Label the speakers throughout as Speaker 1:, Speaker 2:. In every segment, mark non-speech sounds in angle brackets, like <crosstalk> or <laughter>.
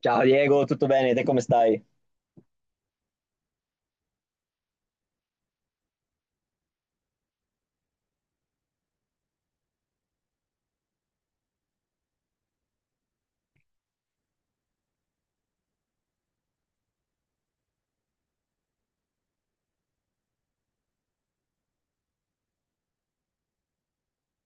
Speaker 1: Ciao Diego, tutto bene? Te come stai?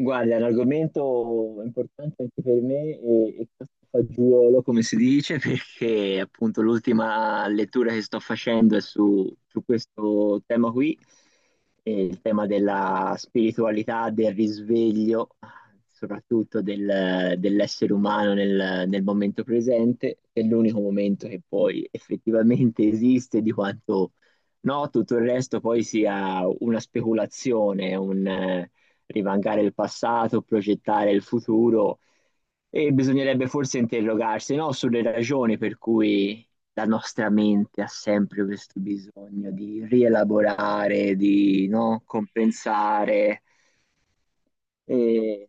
Speaker 1: Guarda, è un argomento importante anche per me e questo fagiolo, come si dice, <laughs> perché appunto l'ultima lettura che sto facendo è su questo tema qui, il tema della spiritualità, del risveglio, soprattutto dell'essere umano nel momento presente, che è l'unico momento che poi effettivamente esiste di quanto no, tutto il resto poi sia una speculazione, rivancare il passato, progettare il futuro e bisognerebbe forse interrogarsi, no, sulle ragioni per cui la nostra mente ha sempre questo bisogno di rielaborare, di, no, compensare. E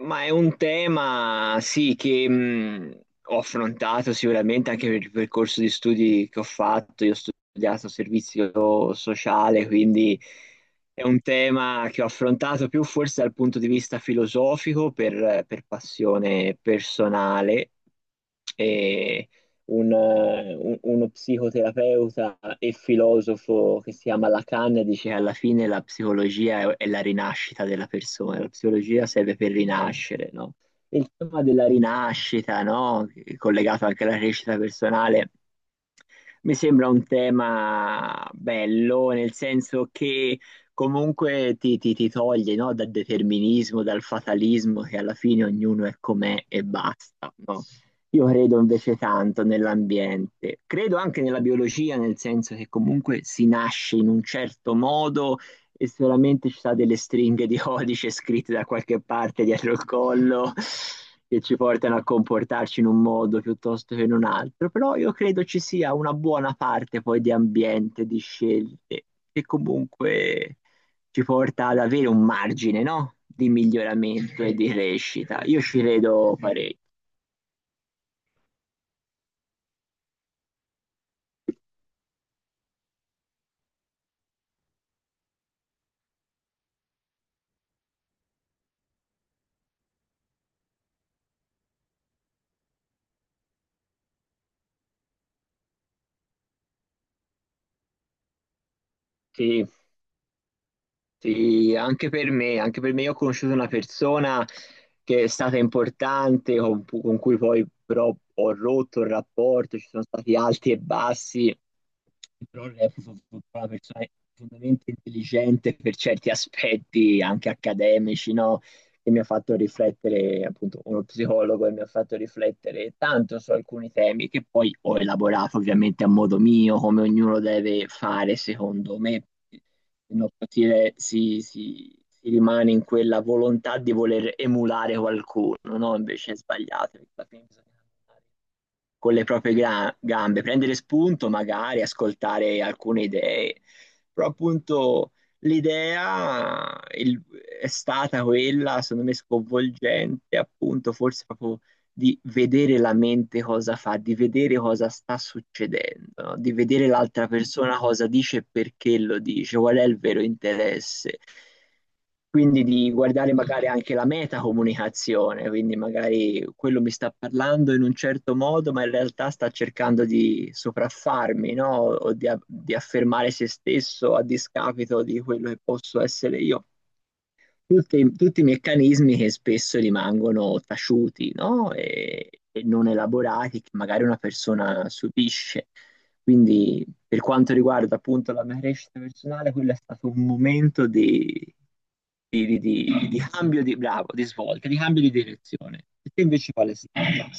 Speaker 1: Ma è un tema, sì, che ho affrontato sicuramente anche per il percorso di studi che ho fatto. Io ho studiato servizio sociale, quindi è un tema che ho affrontato più forse dal punto di vista filosofico per passione personale. E uno psicoterapeuta e filosofo che si chiama Lacan dice che alla fine la psicologia è la rinascita della persona, la psicologia serve per rinascere, no? Il tema della rinascita, no? Collegato anche alla crescita personale. Mi sembra un tema bello, nel senso che comunque ti toglie, no, dal determinismo, dal fatalismo, che alla fine ognuno è com'è e basta, no? Io credo invece tanto nell'ambiente, credo anche nella biologia, nel senso che comunque si nasce in un certo modo e solamente ci sono delle stringhe di <laughs> codice scritte da qualche parte dietro il collo che ci portano a comportarci in un modo piuttosto che in un altro, però io credo ci sia una buona parte poi di ambiente, di scelte, che comunque ci porta ad avere un margine, no? Di miglioramento e di crescita. Io ci credo parecchio. Sì. Sì, anche per me io ho conosciuto una persona che è stata importante, con cui poi però ho rotto il rapporto, ci sono stati alti e bassi, però reputo una persona profondamente intelligente per certi aspetti anche accademici, no? Che mi ha fatto riflettere, appunto, uno psicologo e mi ha fatto riflettere tanto su alcuni temi che poi ho elaborato ovviamente a modo mio, come ognuno deve fare, secondo me, se no si rimane in quella volontà di voler emulare qualcuno, no? Invece è sbagliato, perché alla fine bisogna con le proprie gambe, prendere spunto, magari ascoltare alcune idee. Però appunto l'idea il- è stata quella, secondo me, sconvolgente, appunto, forse proprio di vedere la mente cosa fa, di vedere cosa sta succedendo, no? Di vedere l'altra persona cosa dice e perché lo dice, qual è il vero interesse. Quindi di guardare magari anche la metacomunicazione, quindi magari quello mi sta parlando in un certo modo, ma in realtà sta cercando di sopraffarmi, no? O di, di affermare se stesso a discapito di quello che posso essere io, tutti, tutti i meccanismi che spesso rimangono taciuti, no? E non elaborati, che magari una persona subisce. Quindi, per quanto riguarda appunto la mia crescita personale, quello è stato un momento di, di cambio di, bravo, di svolta, di cambio di direzione. E te invece quale è stato?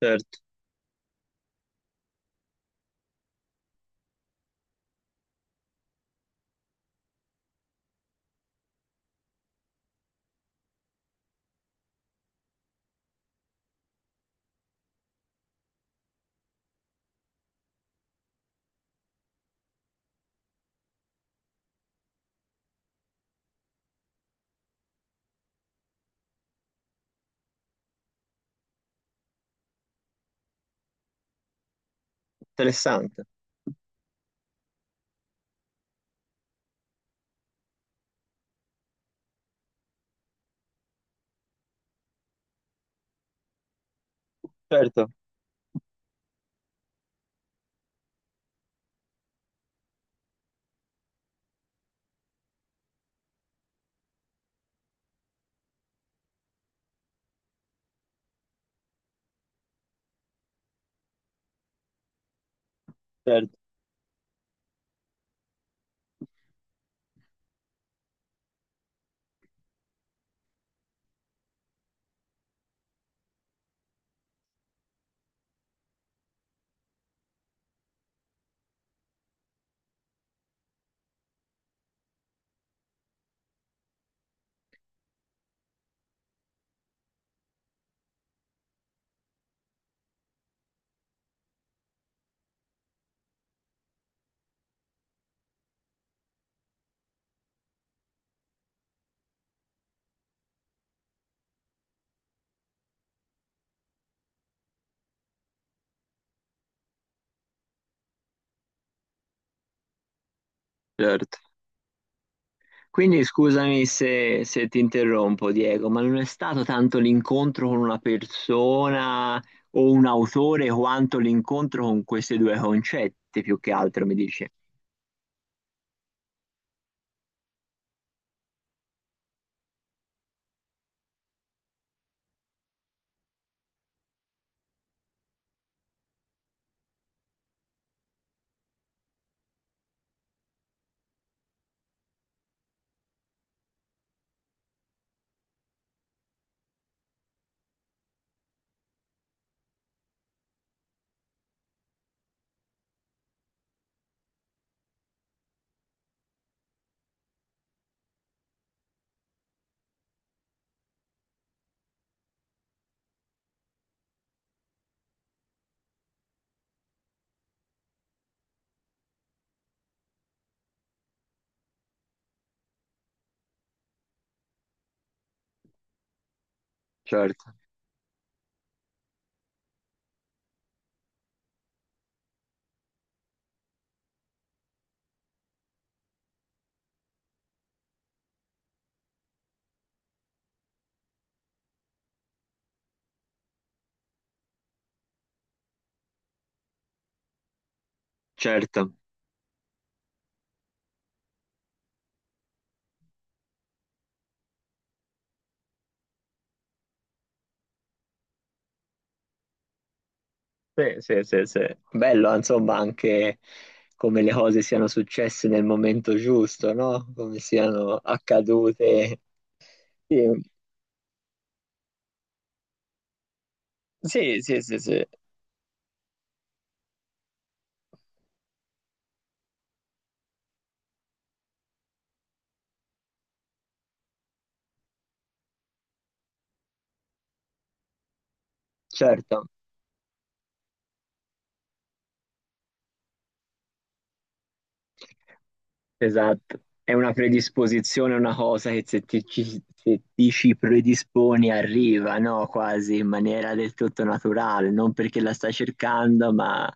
Speaker 1: Certo, interessante. Certo, certo, certo. Quindi scusami se ti interrompo, Diego, ma non è stato tanto l'incontro con una persona o un autore quanto l'incontro con questi due concetti, più che altro, mi dice. Certo, certo. Sì, sì, sì, sì. Bello, insomma, anche come le cose siano successe nel momento giusto, no? Come siano accadute. Sì, sì, sì, sì, sì. Certo. Esatto, è una predisposizione, una cosa che se ti ci predisponi arriva, no? Quasi in maniera del tutto naturale, non perché la stai cercando, ma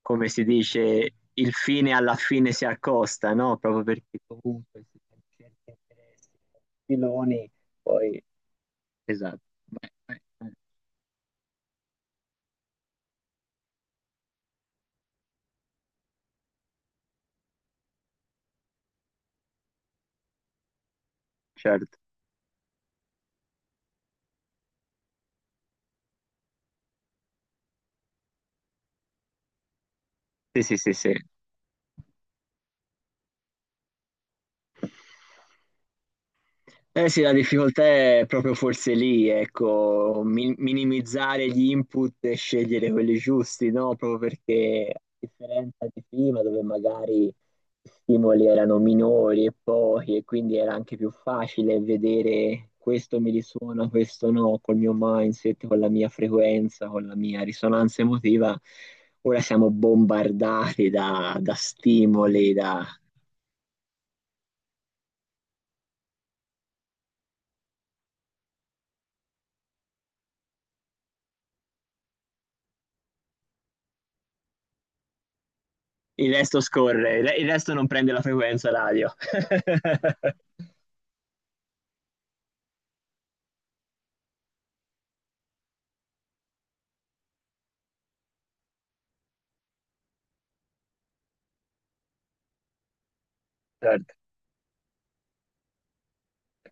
Speaker 1: come si dice, il fine alla fine si accosta, no? Proprio perché comunque si cerca interessi, filoni, poi... Esatto. Vai, vai, vai. Certo, sì, sì, sì, sì. Eh sì, la difficoltà è proprio forse lì, ecco, minimizzare gli input e scegliere quelli giusti, no? Proprio perché a differenza di prima, dove magari gli stimoli erano minori e pochi, e quindi era anche più facile vedere questo mi risuona, questo no, col mio mindset, con la mia frequenza, con la mia risonanza emotiva. Ora siamo bombardati da stimoli, il resto scorre, il resto non prende la frequenza radio. <laughs> Certo,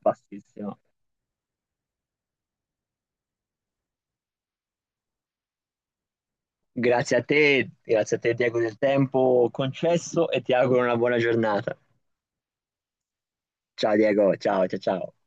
Speaker 1: bassissimo. Grazie a te Diego del tempo concesso e ti auguro una buona giornata. Ciao Diego, ciao ciao ciao.